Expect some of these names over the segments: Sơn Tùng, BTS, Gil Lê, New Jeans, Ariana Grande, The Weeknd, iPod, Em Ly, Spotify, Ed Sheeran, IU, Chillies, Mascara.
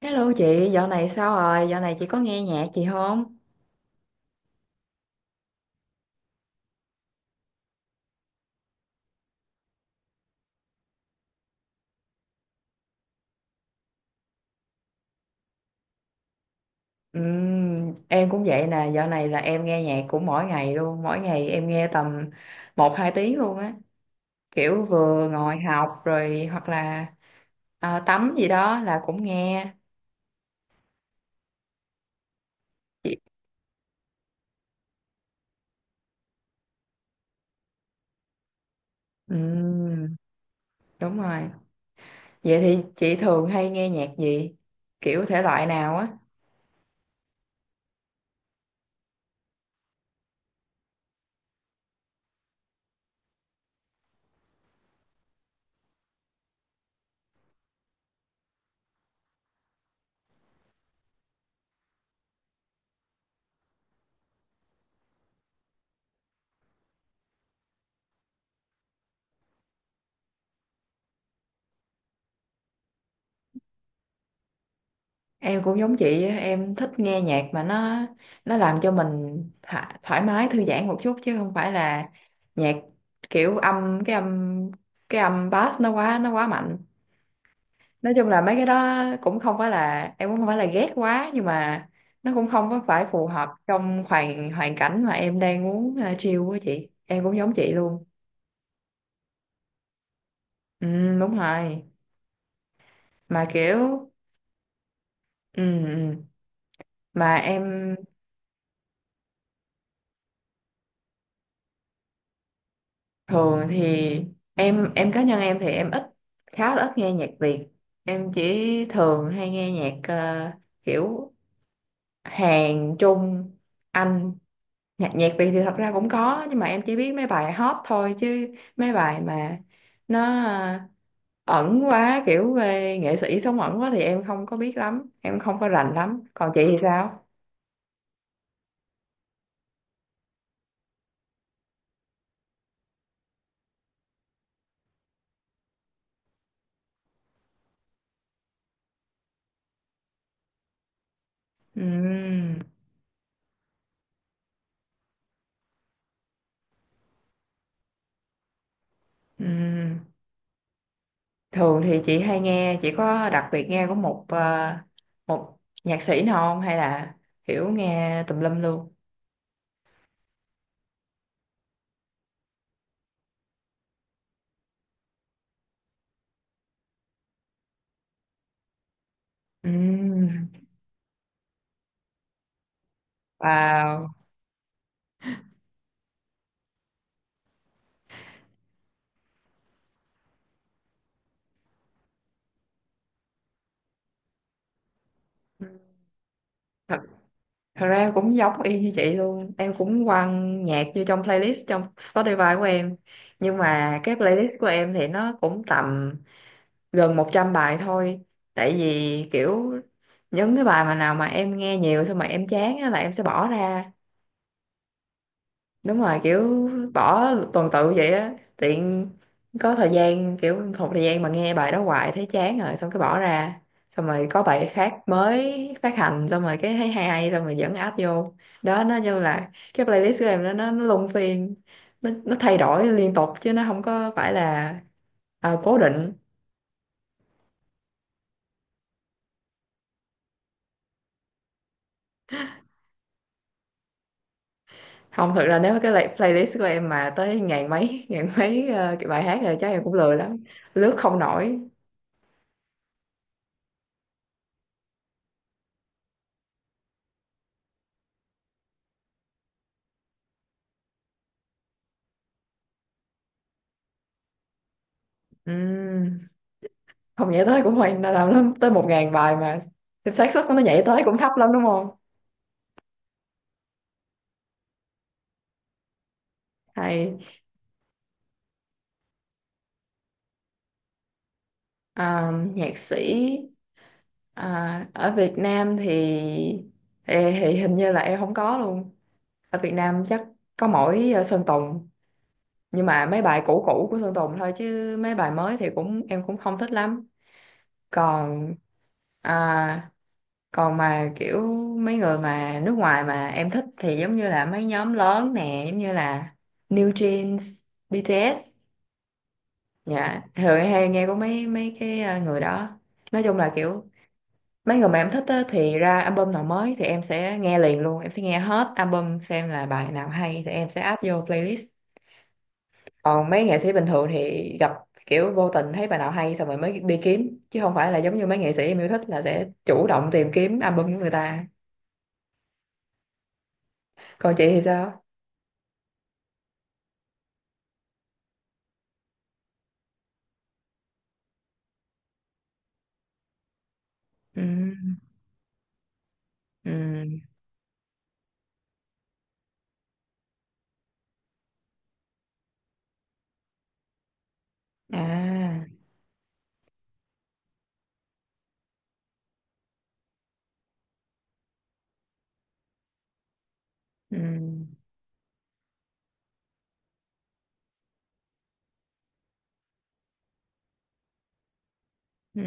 Hello chị, dạo này sao rồi? Dạo này chị có nghe nhạc chị không? Em cũng vậy nè, dạo này là em nghe nhạc cũng mỗi ngày luôn, mỗi ngày em nghe tầm một hai tiếng luôn á. Kiểu vừa ngồi học rồi hoặc là tắm gì đó là cũng nghe. Chị... Ừm, đúng rồi. Vậy thì chị thường hay nghe nhạc gì? Kiểu thể loại nào á? Em cũng giống chị á, em thích nghe nhạc mà nó làm cho mình thoải mái thư giãn một chút chứ không phải là nhạc kiểu âm cái âm cái âm bass nó quá mạnh. Nói chung là mấy cái đó cũng không phải là em cũng không phải là ghét quá, nhưng mà nó cũng không có phải phù hợp trong hoàn hoàn cảnh mà em đang muốn, chill. Với chị em cũng giống chị luôn. Ừ, đúng rồi, mà kiểu ừ, ừ. Mà em thường thì em cá nhân em thì em ít, khá là ít nghe nhạc Việt. Em chỉ thường hay nghe nhạc kiểu Hàn, Trung, Anh. Nhạc nhạc Việt thì thật ra cũng có nhưng mà em chỉ biết mấy bài hot thôi, chứ mấy bài mà nó ẩn quá, kiểu về nghệ sĩ sống ẩn quá thì em không có biết lắm, em không có rành lắm. Còn chị thì sao? Ừm, ừm. Thường thì chị hay nghe, chị có đặc biệt nghe của một một nhạc sĩ nào không, hay là kiểu nghe tùm lum luôn? Ừm, Wow. Thật, thật ra em cũng giống y như chị luôn. Em cũng quăng nhạc vô trong playlist trong Spotify của em. Nhưng mà cái playlist của em thì nó cũng tầm gần 100 bài thôi. Tại vì kiểu những cái bài mà nào mà em nghe nhiều xong mà em chán á là em sẽ bỏ ra. Đúng rồi, kiểu bỏ tuần tự vậy á, tiện có thời gian, kiểu một thời gian mà nghe bài đó hoài thấy chán rồi xong cái bỏ ra, xong rồi có bài khác mới phát hành xong rồi cái thấy hay hay xong rồi vẫn add vô. Đó, nó như là cái playlist của em đó, nó luân phiên, nó thay đổi liên tục chứ nó không có phải là cố định. Không, thực ra nếu cái playlist của em mà tới ngàn mấy ngàn mấy cái bài hát rồi chắc em cũng lười lắm, lướt không nổi. Ừ, không nhảy tới cũng hoành là làm lắm, tới một ngàn bài mà, thì xác suất của nó nhảy tới cũng thấp lắm đúng không. Hay à, nhạc sĩ à, ở Việt Nam thì hình như là em không có luôn. Ở Việt Nam chắc có mỗi Sơn Tùng, nhưng mà mấy bài cũ cũ của Sơn Tùng thôi, chứ mấy bài mới thì cũng em cũng không thích lắm. Còn à, còn mà kiểu mấy người mà nước ngoài mà em thích thì giống như là mấy nhóm lớn nè, giống như là New Jeans, BTS. Dạ, thường em hay nghe của mấy mấy cái người đó. Nói chung là kiểu mấy người mà em thích á, thì ra album nào mới thì em sẽ nghe liền luôn, em sẽ nghe hết album xem là bài nào hay thì em sẽ add vô playlist. Còn mấy nghệ sĩ bình thường thì gặp kiểu vô tình thấy bài nào hay xong rồi mới đi kiếm, chứ không phải là giống như mấy nghệ sĩ em yêu thích là sẽ chủ động tìm kiếm album của người ta. Còn chị thì sao? Ừ. Ừ. À. Ừ. Ừ.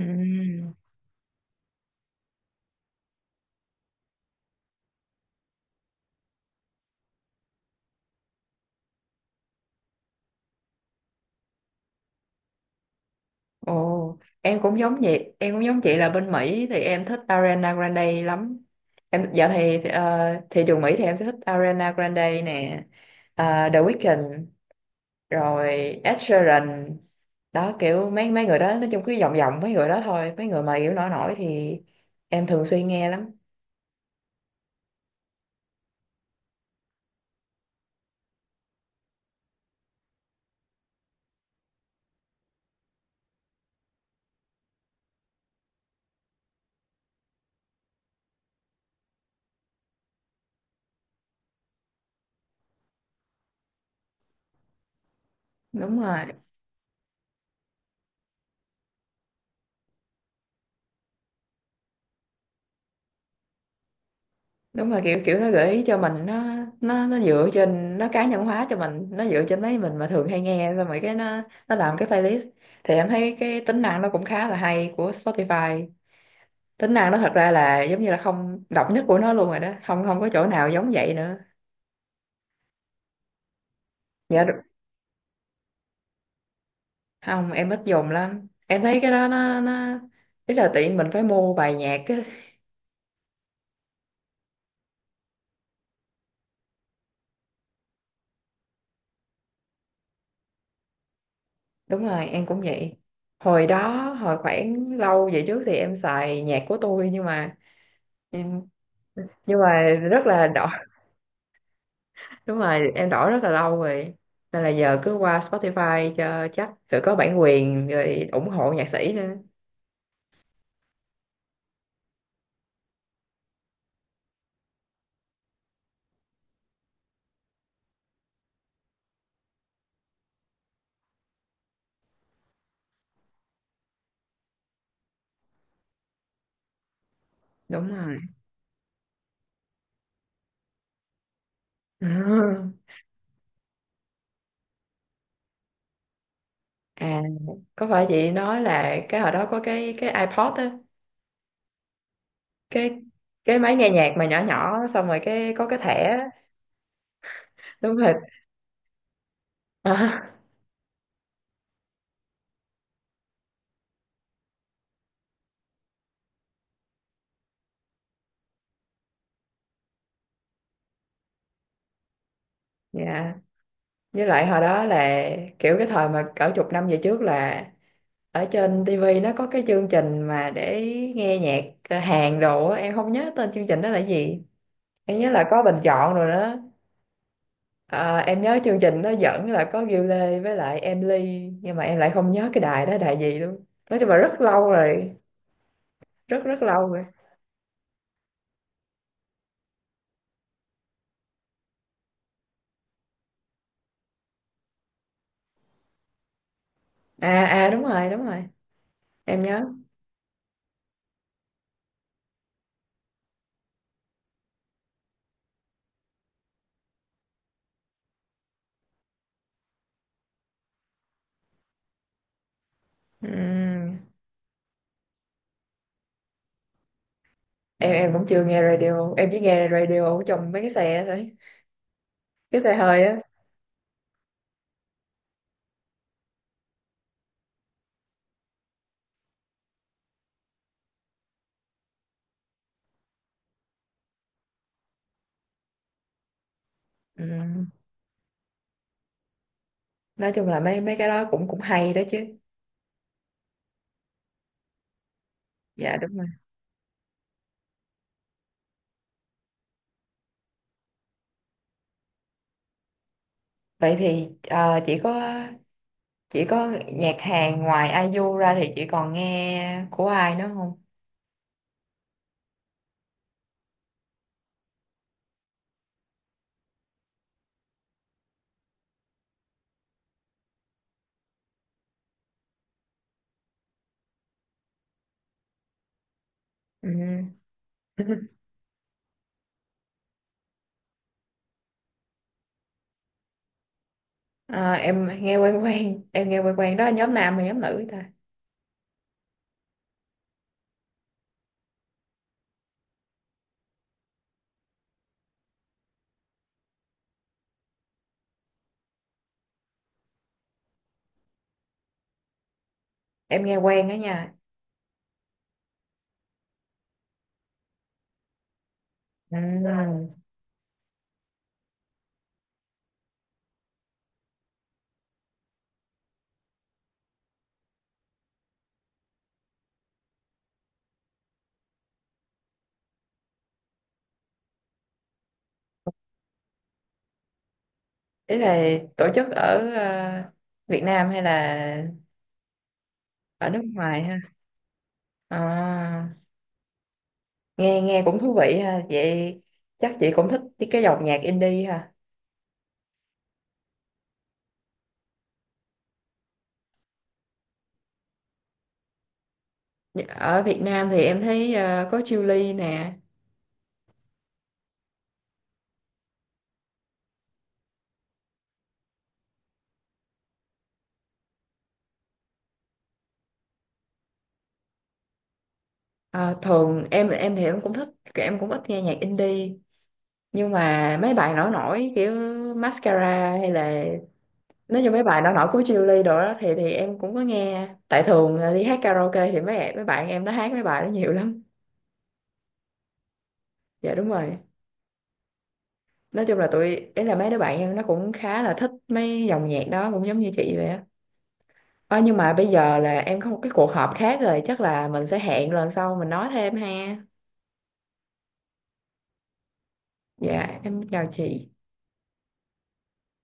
Ồ, em cũng giống vậy, em cũng giống chị là bên Mỹ thì em thích Ariana Grande lắm. Em dạo thì, ờ, thị trường Mỹ thì em sẽ thích Ariana Grande nè, The Weeknd, rồi Ed Sheeran. Đó kiểu mấy mấy người đó, nói chung cứ vòng vòng mấy người đó thôi, mấy người mà kiểu nổi nổi thì em thường xuyên nghe lắm. Đúng rồi. Đúng rồi, kiểu kiểu nó gợi ý cho mình, nó dựa trên, nó cá nhân hóa cho mình, nó dựa trên mấy mình mà thường hay nghe xong rồi cái nó làm cái playlist. Thì em thấy cái tính năng nó cũng khá là hay của Spotify. Tính năng nó thật ra là giống như là không, độc nhất của nó luôn rồi đó, không không có chỗ nào giống vậy nữa. dạ đ- Không, em ít dùng lắm, em thấy cái đó nó ý là tiện mình phải mua bài nhạc á. Đúng rồi em cũng vậy. Hồi đó, hồi khoảng lâu về trước thì em xài nhạc của tôi, nhưng mà rất là đỏ. Đúng rồi, em đổi rất là lâu rồi, nên là giờ cứ qua Spotify cho chắc rồi, có bản quyền rồi, ủng hộ nhạc sĩ nữa. Đúng rồi. Ừ. À, có phải chị nói là cái hồi đó có cái iPod á, cái cái máy nghe nhạc mà nhỏ nhỏ xong rồi cái có cái thẻ á. Đúng rồi. À, dạ, với lại hồi đó là kiểu cái thời mà cỡ chục năm về trước là ở trên TV nó có cái chương trình mà để nghe nhạc Hàn đồ á, em không nhớ tên chương trình đó là gì. Em nhớ là có bình chọn rồi đó. À, em nhớ chương trình nó dẫn là có Gil Lê với lại Em Ly, nhưng mà em lại không nhớ cái đài đó đài gì luôn, nói chung là rất lâu rồi, rất rất lâu rồi. À à đúng rồi đúng rồi, em nhớ. Ừm, em cũng chưa nghe radio, em chỉ nghe radio ở trong mấy cái xe thôi, cái xe hơi á. Ừm, nói chung là mấy mấy cái đó cũng cũng hay đó chứ. Dạ đúng rồi. Vậy thì chỉ có nhạc Hàn, ngoài ai IU ra thì chị còn nghe của ai nữa không? Ừm. À, em nghe quen quen, em nghe quen quen, đó là nhóm nam hay nhóm nữ ta? Em nghe quen đó nha. Ừ. Ý là tổ chức ở Việt Nam hay là ở nước ngoài ha? À, nghe nghe cũng thú vị ha vậy. Chắc chị cũng thích cái dòng nhạc indie ha. Ở Việt Nam thì em thấy có Chillies nè. Ờ, thường em thì em cũng thích, em cũng ít nghe nhạc indie, nhưng mà mấy bài nổi nổi kiểu Mascara hay là nói như mấy bài nổi nổi của Chillies đồ đó thì em cũng có nghe, tại thường là đi hát karaoke thì mấy mấy bạn em nó hát mấy bài đó nhiều lắm. Dạ đúng rồi. Nói chung là tụi, ý là mấy đứa bạn em nó cũng khá là thích mấy dòng nhạc đó, cũng giống như chị vậy á. Ờ, nhưng mà bây giờ là em có một cái cuộc họp khác rồi, chắc là mình sẽ hẹn lần sau mình nói thêm ha. Dạ em chào chị.